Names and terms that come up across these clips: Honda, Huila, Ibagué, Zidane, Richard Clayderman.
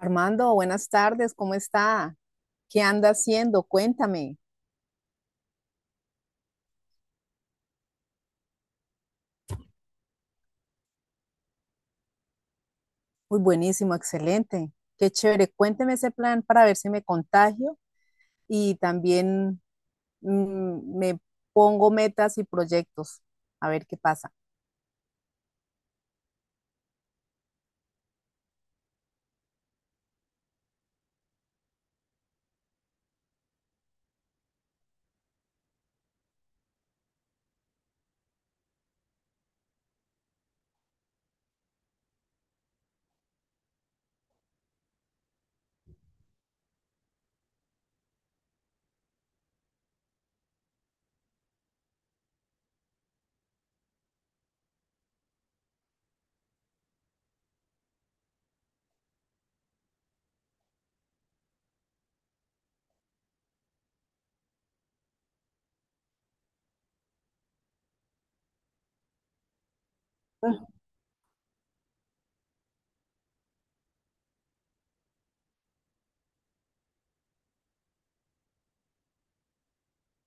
Armando, buenas tardes, ¿cómo está? ¿Qué anda haciendo? Cuéntame. Muy buenísimo, excelente. Qué chévere. Cuénteme ese plan para ver si me contagio y también me pongo metas y proyectos. A ver qué pasa.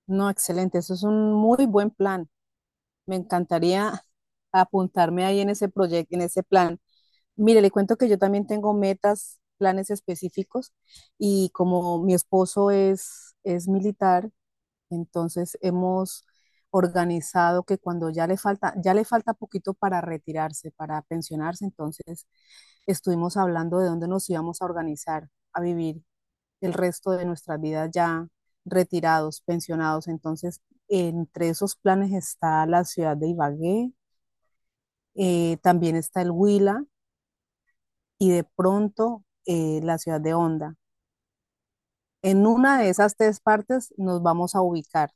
No, excelente. Eso es un muy buen plan. Me encantaría apuntarme ahí en ese proyecto, en ese plan. Mire, le cuento que yo también tengo metas, planes específicos y como mi esposo es militar, entonces hemos organizado que cuando ya le falta poquito para retirarse, para pensionarse, entonces estuvimos hablando de dónde nos íbamos a organizar a vivir el resto de nuestras vidas ya retirados, pensionados. Entonces, entre esos planes está la ciudad de Ibagué, también está el Huila y de pronto la ciudad de Honda. En una de esas tres partes nos vamos a ubicar.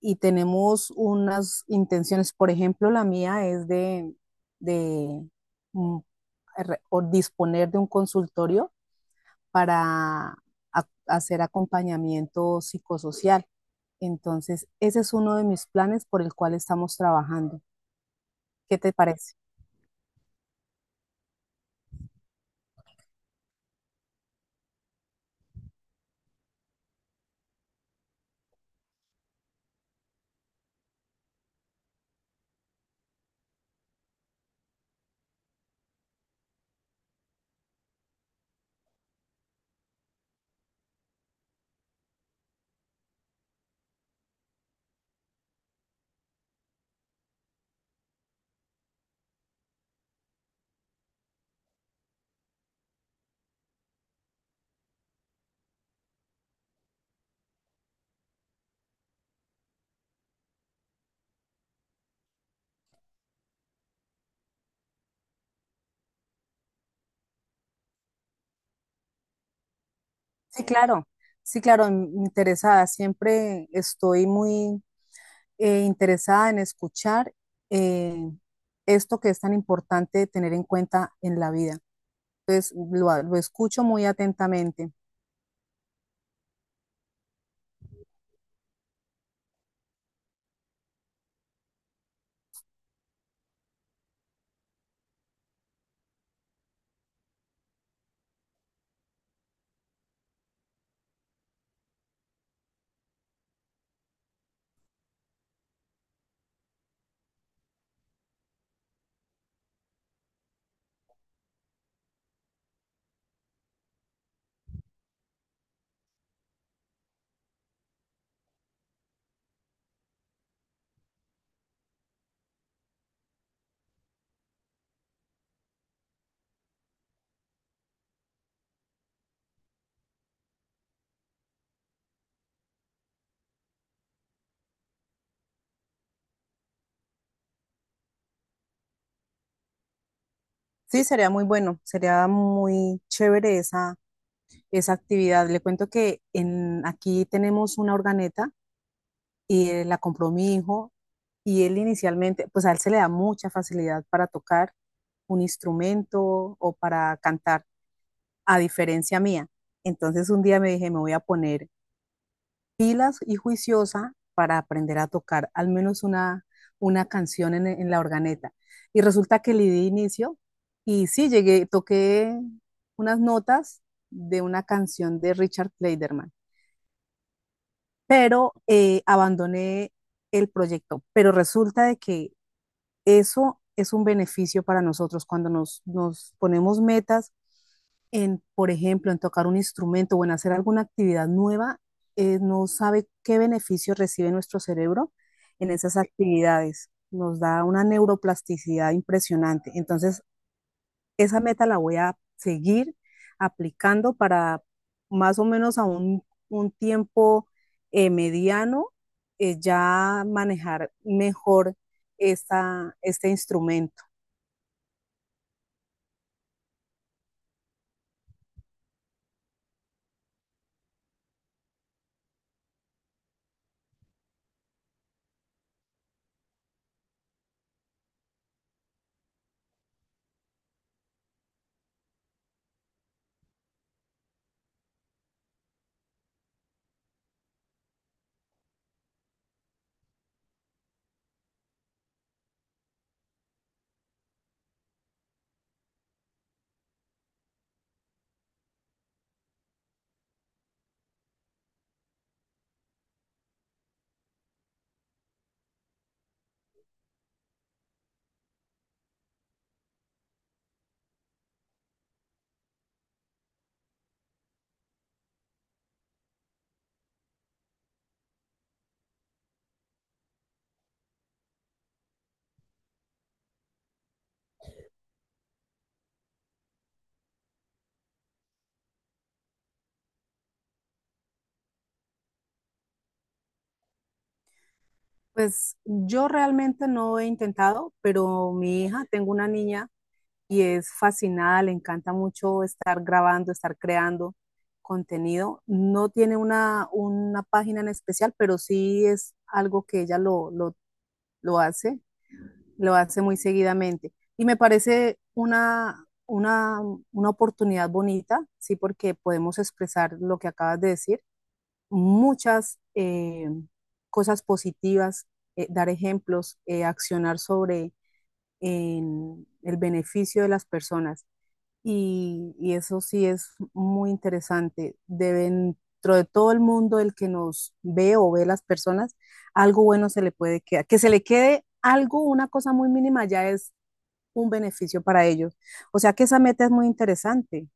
Y tenemos unas intenciones, por ejemplo, la mía es de mm, re- o disponer de un consultorio para hacer acompañamiento psicosocial. Entonces, ese es uno de mis planes por el cual estamos trabajando. ¿Qué te parece? Sí, claro, sí, claro, interesada. Siempre estoy muy interesada en escuchar, eh, esto que es tan importante tener en cuenta en la vida. Entonces lo escucho muy atentamente. Sí, sería muy bueno, sería muy chévere esa actividad. Le cuento que en, aquí tenemos una organeta y la compró mi hijo, y él inicialmente, pues a él se le da mucha facilidad para tocar un instrumento o para cantar, a diferencia mía. Entonces un día me dije, me voy a poner pilas y juiciosa para aprender a tocar al menos una canción en la organeta. Y resulta que le di inicio y sí, llegué, toqué unas notas de una canción de Richard Clayderman, pero abandoné el proyecto. Pero resulta de que eso es un beneficio para nosotros cuando nos ponemos metas en, por ejemplo, en tocar un instrumento o en hacer alguna actividad nueva, no sabe qué beneficio recibe nuestro cerebro en esas actividades. Nos da una neuroplasticidad impresionante. Entonces, esa meta la voy a seguir aplicando para más o menos un tiempo mediano, ya manejar mejor este instrumento. Pues yo realmente no he intentado, pero mi hija, tengo una niña y es fascinada, le encanta mucho estar grabando, estar creando contenido. No tiene una página en especial, pero sí es algo que ella lo hace, lo hace muy seguidamente. Y me parece una oportunidad bonita, sí, porque podemos expresar lo que acabas de decir muchas cosas positivas, dar ejemplos, accionar sobre en el beneficio de las personas. Eso sí es muy interesante. Dentro de todo el mundo, el que nos ve o ve las personas, algo bueno se le puede quedar. Que se le quede algo, una cosa muy mínima, ya es un beneficio para ellos. O sea que esa meta es muy interesante.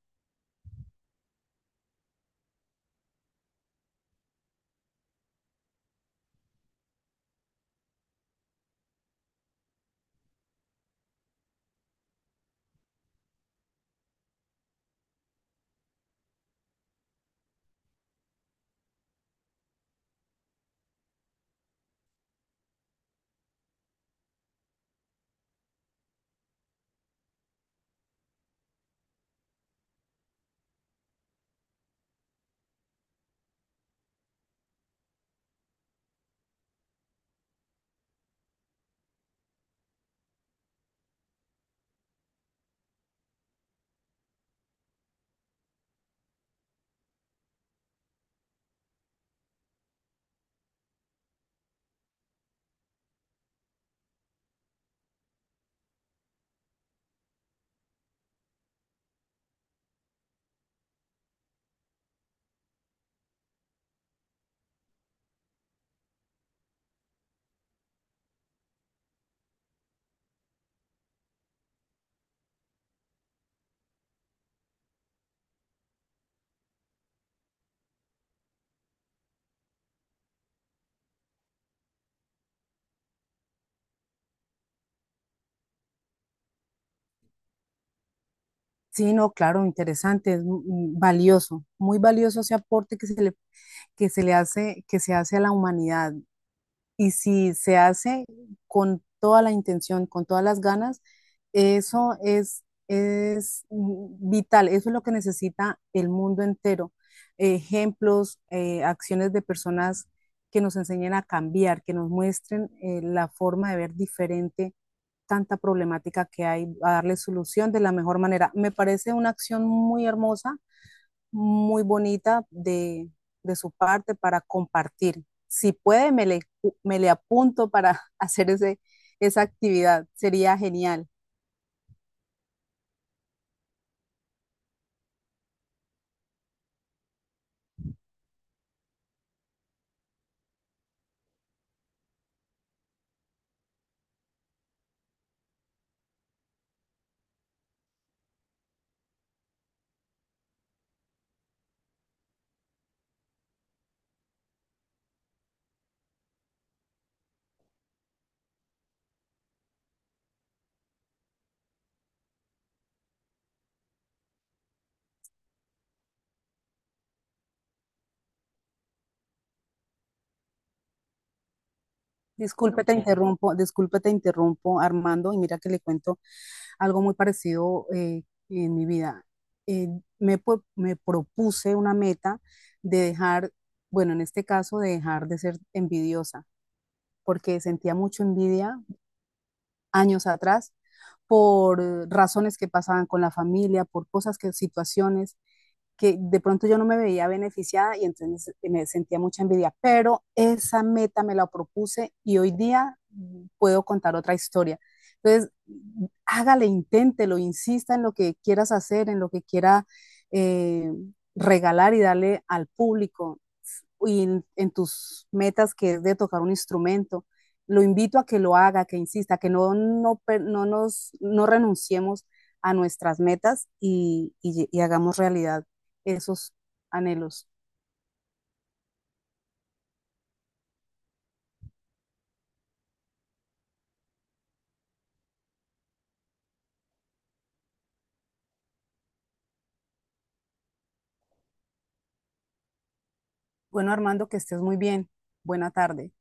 Sí, no, claro, interesante, es valioso, muy valioso ese aporte que se le hace, que se hace a la humanidad. Y si se hace con toda la intención, con todas las ganas, eso es vital, eso es lo que necesita el mundo entero. Ejemplos, acciones de personas que nos enseñen a cambiar, que nos muestren, la forma de ver diferente tanta problemática que hay, a darle solución de la mejor manera. Me parece una acción muy hermosa, muy bonita de su parte para compartir. Si puede, me le apunto para hacer esa actividad. Sería genial. Disculpe, te interrumpo, Armando, y mira que le cuento algo muy parecido, en mi vida. Eh, me, me propuse una meta de dejar, bueno, en este caso, de dejar de ser envidiosa, porque sentía mucha envidia años atrás por razones que pasaban con la familia, por cosas que, situaciones que de pronto yo no me veía beneficiada y entonces me sentía mucha envidia, pero esa meta me la propuse y hoy día puedo contar otra historia. Entonces, hágale, inténtelo, insista en lo que quieras hacer, en lo que quiera eh, regalar y darle al público y en tus metas que es de tocar un instrumento, lo invito a que lo haga, que insista, que no, no, no renunciemos a nuestras metas y hagamos realidad esos anhelos. Bueno, Armando, que estés muy bien. Buena tarde.